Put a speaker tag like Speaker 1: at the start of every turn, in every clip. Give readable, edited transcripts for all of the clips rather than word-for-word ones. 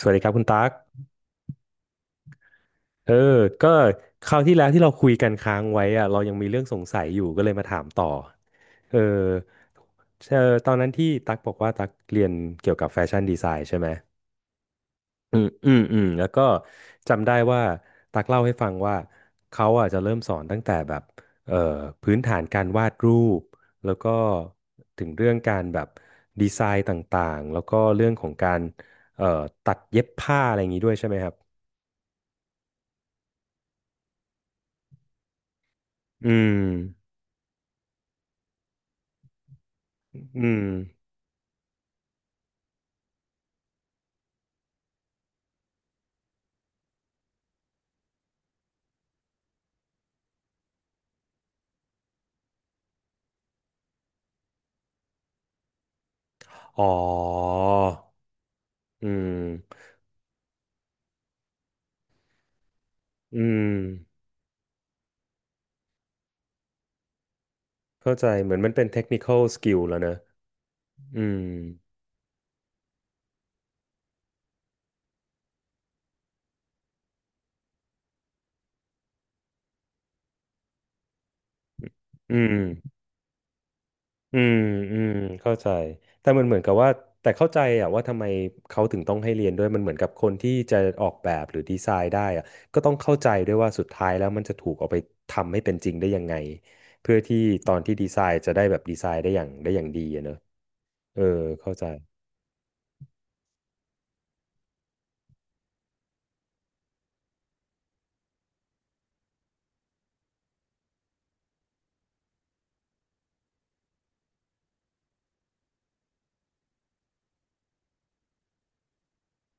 Speaker 1: สวัสดีครับคุณตั๊กเออ ก็คราวที่แล้วที่เราคุยกันค้างไว้อะเรายังมีเรื่องสงสัยอยู่ก็เลยมาถามต่อ เออตอนนั้นที่ตั๊กบอกว่าตั๊กเรียนเกี่ยวกับแฟชั่นดีไซน์ใช่ไหม แล้วก็จำได้ว่าตักเล่าให้ฟังว่าเขาอ่ะจะเริ่มสอนตั้งแต่แบบเอ่อพื้นฐานการวาดรูป แล้วก็ถึงเรื่องการแบบดีไซน์ต่างๆแล้วก็เรื่องของการเอ่อตัดเย็บผ้าอะไรอย่างนี้ด้วยใช่ไหมครับอืม อืมอ๋ออืมอืมเข้าใจ เหมือนมันเป็น technical skill แล้วเนอะอืมอืมอืมอืมเข้าใจแต่มันเหมือนกับว่าแต่เข้าใจอะว่าทำไมเขาถึงต้องให้เรียนด้วยมันเหมือนกับคนที่จะออกแบบหรือดีไซน์ได้อะก็ต้องเข้าใจด้วยว่าสุดท้ายแล้วมันจะถูกเอาไปทำให้เป็นจริงได้ยังไงเพื่อที่ตอนที่ดีไซน์จะได้แบบดีไซน์ได้อย่างดีอะเนอะเออเข้าใจ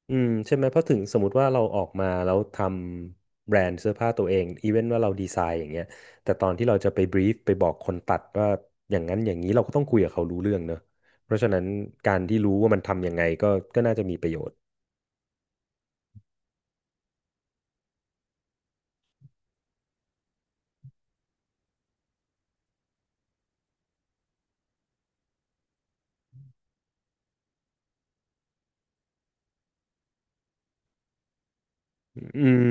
Speaker 1: ใช่ไหมเพราะถึงสมมติว่าเราออกมาแล้วทำแบรนด์เสื้อผ้าตัวเองอีเวนว่าเราดีไซน์อย่างเงี้ยแต่ตอนที่เราจะไปบรีฟไปบอกคนตัดว่าอย่างนั้นอย่างนี้เราก็ต้องคุยกับเขารู้เรื่องเนอะเพราะฉะนั้นการที่รู้ว่ามันทำยังไงก็น่าจะมีประโยชน์อืม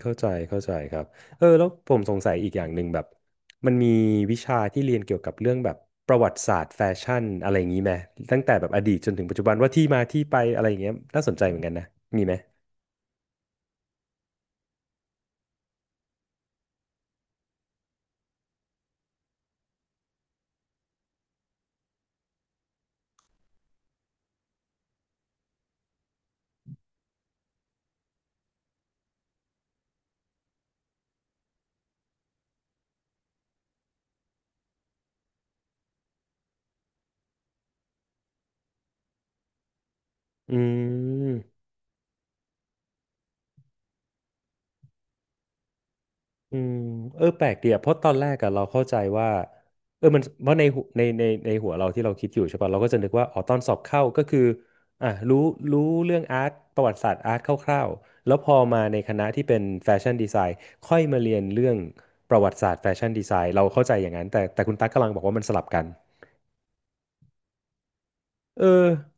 Speaker 1: เข้าใจเข้าใจครับแล้วผมสงสัยอีกอย่างหนึ่งแบบมันมีวิชาที่เรียนเกี่ยวกับเรื่องแบบประวัติศาสตร์แฟชั่นอะไรอย่างนี้ไหมตั้งแต่แบบอดีตจนถึงปัจจุบันว่าที่มาที่ไปอะไรอย่างเงี้ยน่าสนใจเหมือนกันนะมีไหมอืม อืมแปลกดีอะเพราะตอนแรกอะเราเข้าใจว่ามันเพราะในหัวในหัวเราที่เราคิดอยู่ใช่ป่ะเราก็จะนึกว่าอ๋อตอนสอบเข้าก็คืออ่ะรู้เรื่องอาร์ตประวัติศาสตร์อาร์ตคร่าวๆแล้วพอมาในคณะที่เป็นแฟชั่นดีไซน์ค่อยมาเรียนเรื่องประวัติศาสตร์แฟชั่นดีไซน์เราเข้าใจอย่างนั้นแต่คุณตั๊กกำลังบอกว่ามันสลับกันเออ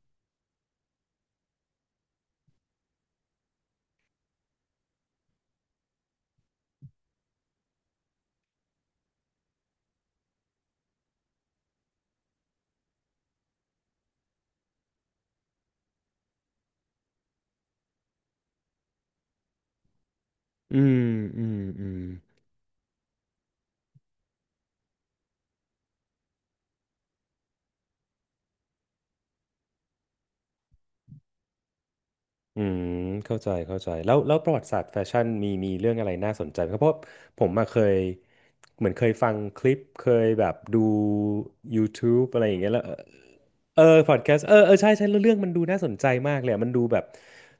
Speaker 1: อืมอืมอืม อืมเข้าใจเข้าใจแล้วประวัติศาสตร์แฟชั่นมีเรื่องอะไรน่าสนใจไหมครับเพราะผมมาเคยเหมือนเคยฟังคลิปเคยแบบดู YouTube อะไรอย่างเงี้ยแล้วเออพอดแคสต์เออเออใช่ใช่แล้วเรื่องมันดูน่าสนใจมากเลยอะมันดูแบบ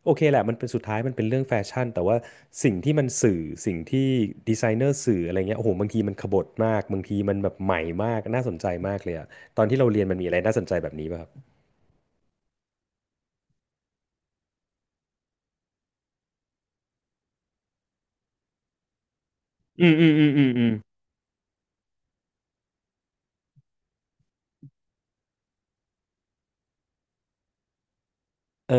Speaker 1: โอเคแหละมันเป็นสุดท้ายมันเป็นเรื่องแฟชั่นแต่ว่าสิ่งที่มันสื่อสิ่งที่ดีไซเนอร์สื่ออะไรเงี้ยโอ้โหบางทีมันขบถมากบางทีมันแบบใหม่มากน่าสนใจมากเลยอะตอนที่เราเรียนมันมีอะไรน่าสนใจแบบนี้ป่ะครับอืมอืมอืมอืมอืมเออ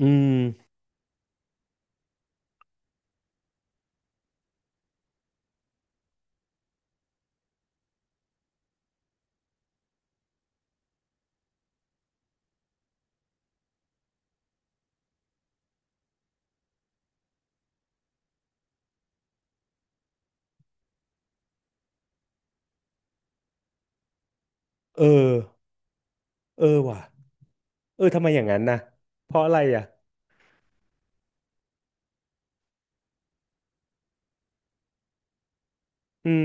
Speaker 1: อืมเออ เออว่ะเออทำไมอย่างนั้นนะเพราะอะไรอ่ะอืม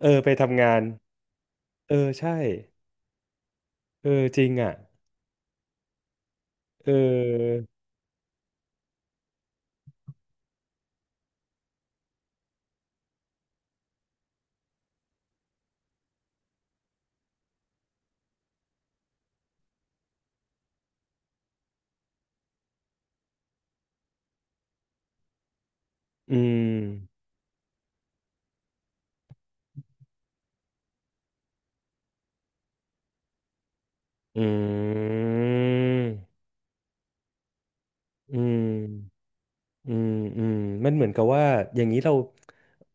Speaker 1: เออไปทำงานเออใช่เออจริงอ่ะเอออืมอืมอืมอืมอืมมันเหมือนกับว่าอย่างนี้เรา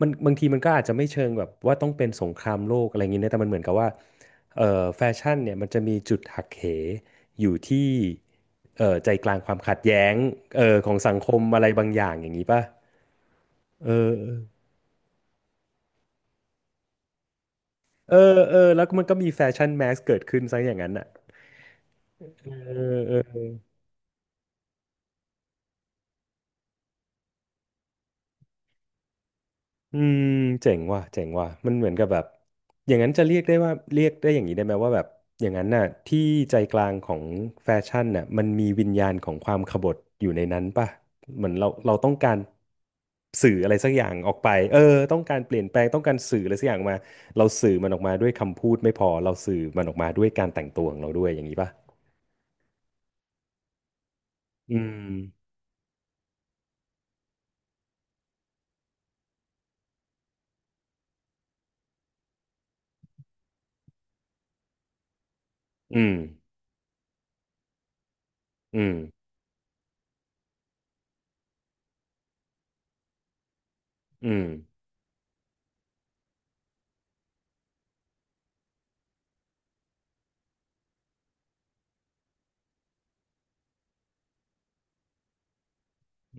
Speaker 1: มันบางทีมันก็อาจจะไม่เชิงแบบว่าต้องเป็นสงครามโลกอะไรอย่างนี้นะแต่มันเหมือนกับว่าเอ่อแฟชั่นเนี่ยมันจะมีจุดหักเหอยู่ที่ใจกลางความขัดแย้งของสังคมอะไรบางอย่างอย่างนี้ป่ะเออ เออเออแล้วมันก็มีแฟชั่นแมสเกิดขึ้นซะอย่างนั้นอ่ะอืมเจ๋งว่ะเจ๋งว่ะมันเหมือนกับแบบอย่างนั้นจะเรียกได้อย่างนี้ได้ไหมว่าแบบอย่างนั้นน่ะที่ใจกลางของแฟชั่นน่ะมันมีวิญญาณของความขบถอยู่ในนั้นป่ะเหมือนเราต้องการสื่ออะไรสักอย่างออกไปต้องการเปลี่ยนแปลงต้องการสื่ออะไรสักอย่างออกมาเราสื่อมันออกมาด้วยคำพูดไม่พอเราสื่อมันออกมาด้วยการแต่งตัวของเราด้วยอย่างนี้ป่ะอืมอืมอืมอืม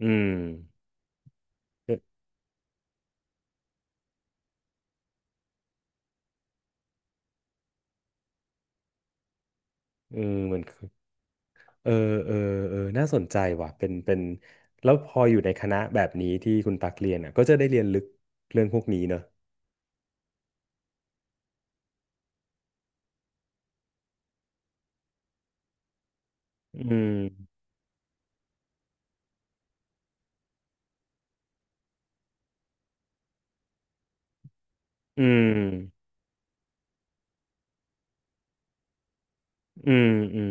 Speaker 1: อืม เออเหมือนคือเออเออเออน่าสนใจว่ะเป็นแล้วพออยู่ในคณะแบบนี้ที่คุณตักเรียนอ่ะก็จะได้เรียนลึกเรื่องพวกนี้เนอะอืมอืมอืมอืม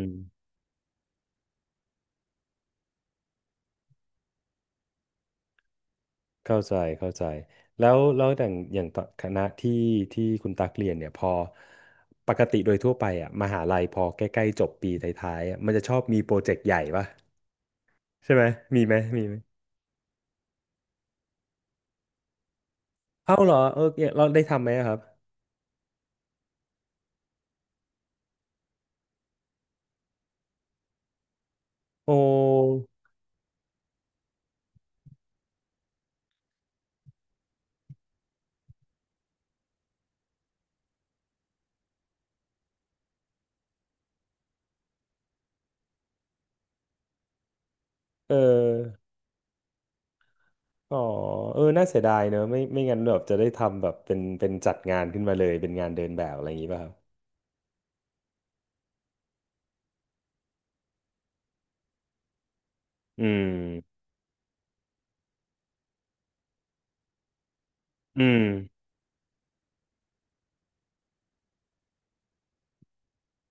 Speaker 1: เข้าใจเข้าใจแล้วอย่างตอนคณะที่คุณตักเรียนเนี่ยพอปกติโดยทั่วไปอ่ะมหาลัยพอใกล้ๆจบปีท้ายๆอะมันจะชอบมีโปรเจกต์ใหญ่ป่ะใช่ไหมมีไหมมีไหมเอ้าเหรอเออเนี่ยเราได้ทำไหมอะครับโอ้เออ อ๋อเออน่าเสียดายเนอะไม่ไม่งั้นแบบจะได้ทำแบบเป็นจัดงานขึ้นมาเลยเป็นงานเดินแบบอะไรอย่างงี้ป่ะครับอืมอืม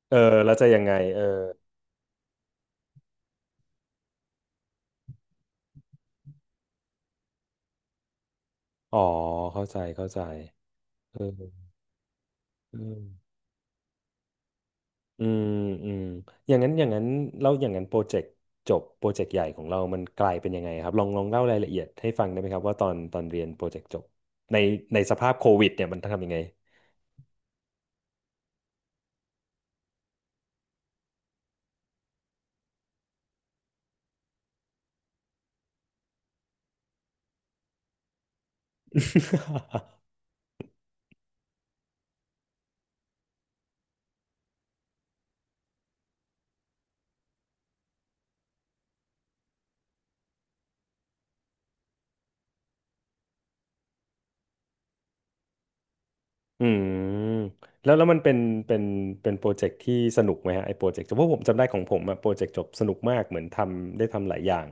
Speaker 1: เออแล้วจะยังไงเอออ๋อเข้าใจเข้าใจเออเอออืมอืมอย่างนั้นอย่างนั้นแล้วอย่างนั้นโปรเจกต์จบโปรเจกต์ใหญ่ของเรามันกลายเป็นยังไงครับลองลองเล่ารายละเอียดให้ฟังได้ไหมครับว่าตอนตอนเรียนโปรเจกต์จบในในสภาพโควิดเนี่ยมันทำยังไง อืมแล้วแล้วมันเป็นเป็นเป็นโปรเจกต์ที่สนุกไหมฮะไอ้โปรเจกต์เพราะผมจำได้ของผมอะโปรเจกต์จบสนุกมากเหมือนทำได้ทำหลายอย่าง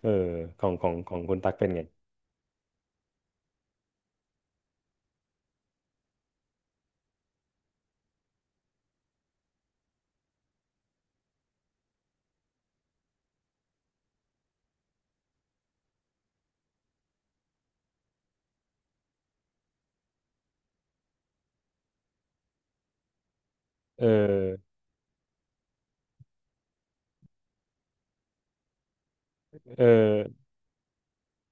Speaker 1: เออของคุณตักเป็นไงเออเออ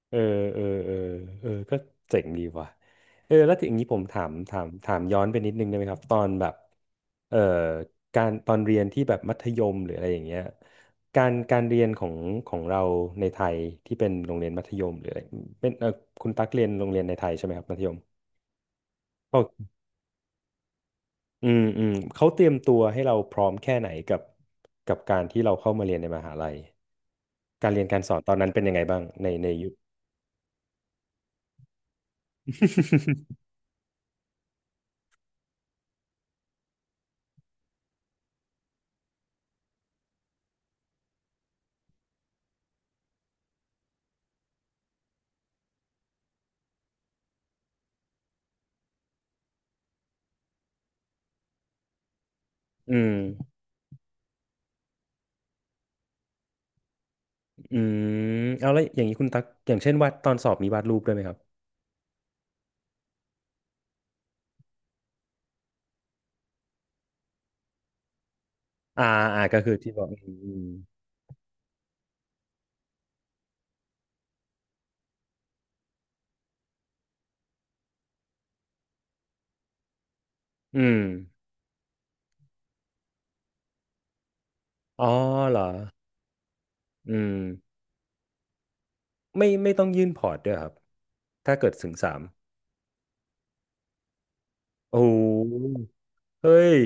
Speaker 1: เออเออเออเออก็เจ๋งดีว่ะเออแล้วทีอย่างนี้ผมถามย้อนไปนิดนึงได้ไหมครับตอนแบบเอ่อการตอนเรียนที่แบบมัธยมหรืออะไรอย่างเงี้ยการเรียนของเราในไทยที่เป็นโรงเรียนมัธยมหรืออะไรเป็นเออคุณตั๊กเรียนโรงเรียนในไทยใช่ไหมครับมัธยมโอเคอืมอืมเขาเตรียมตัวให้เราพร้อมแค่ไหนกับกับการที่เราเข้ามาเรียนในมหาลัย การเรียนการสอนตอนนั้นเป็นยังไงบ้างในในยุค อืม อืมเอาแล้วอย่างนี้คุณตักอย่างเช่นวาดตอนสอบมีวาดรูปด้วยไหมครับอ่าอ่าก็คือที่บอกอืมอืมอ๋อเหรออืมไม่ไม่ต้องยื่นพอร์ตด้วยครับถ้าเกิดถึงสามโอ้โหเฮ้ย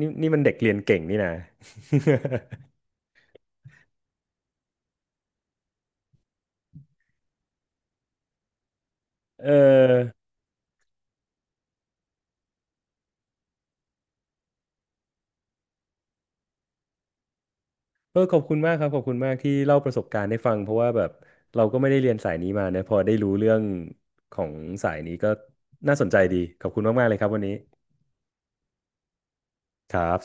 Speaker 1: นี่นี่มันเด็กเรียนเก่งนี่นะ เออเออขอบคุณมากครับขอบคุณมากที่เล่าประสบการณ์ให้ฟังเพราะว่าแบบเราก็ไม่ได้เรียนสายนี้มานะพอได้รู้เรื่องของสายนี้ก็น่าสนใจดีขอบคุณมากๆเลยครับวันนี้ ครับ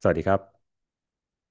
Speaker 1: สวัสดีครับ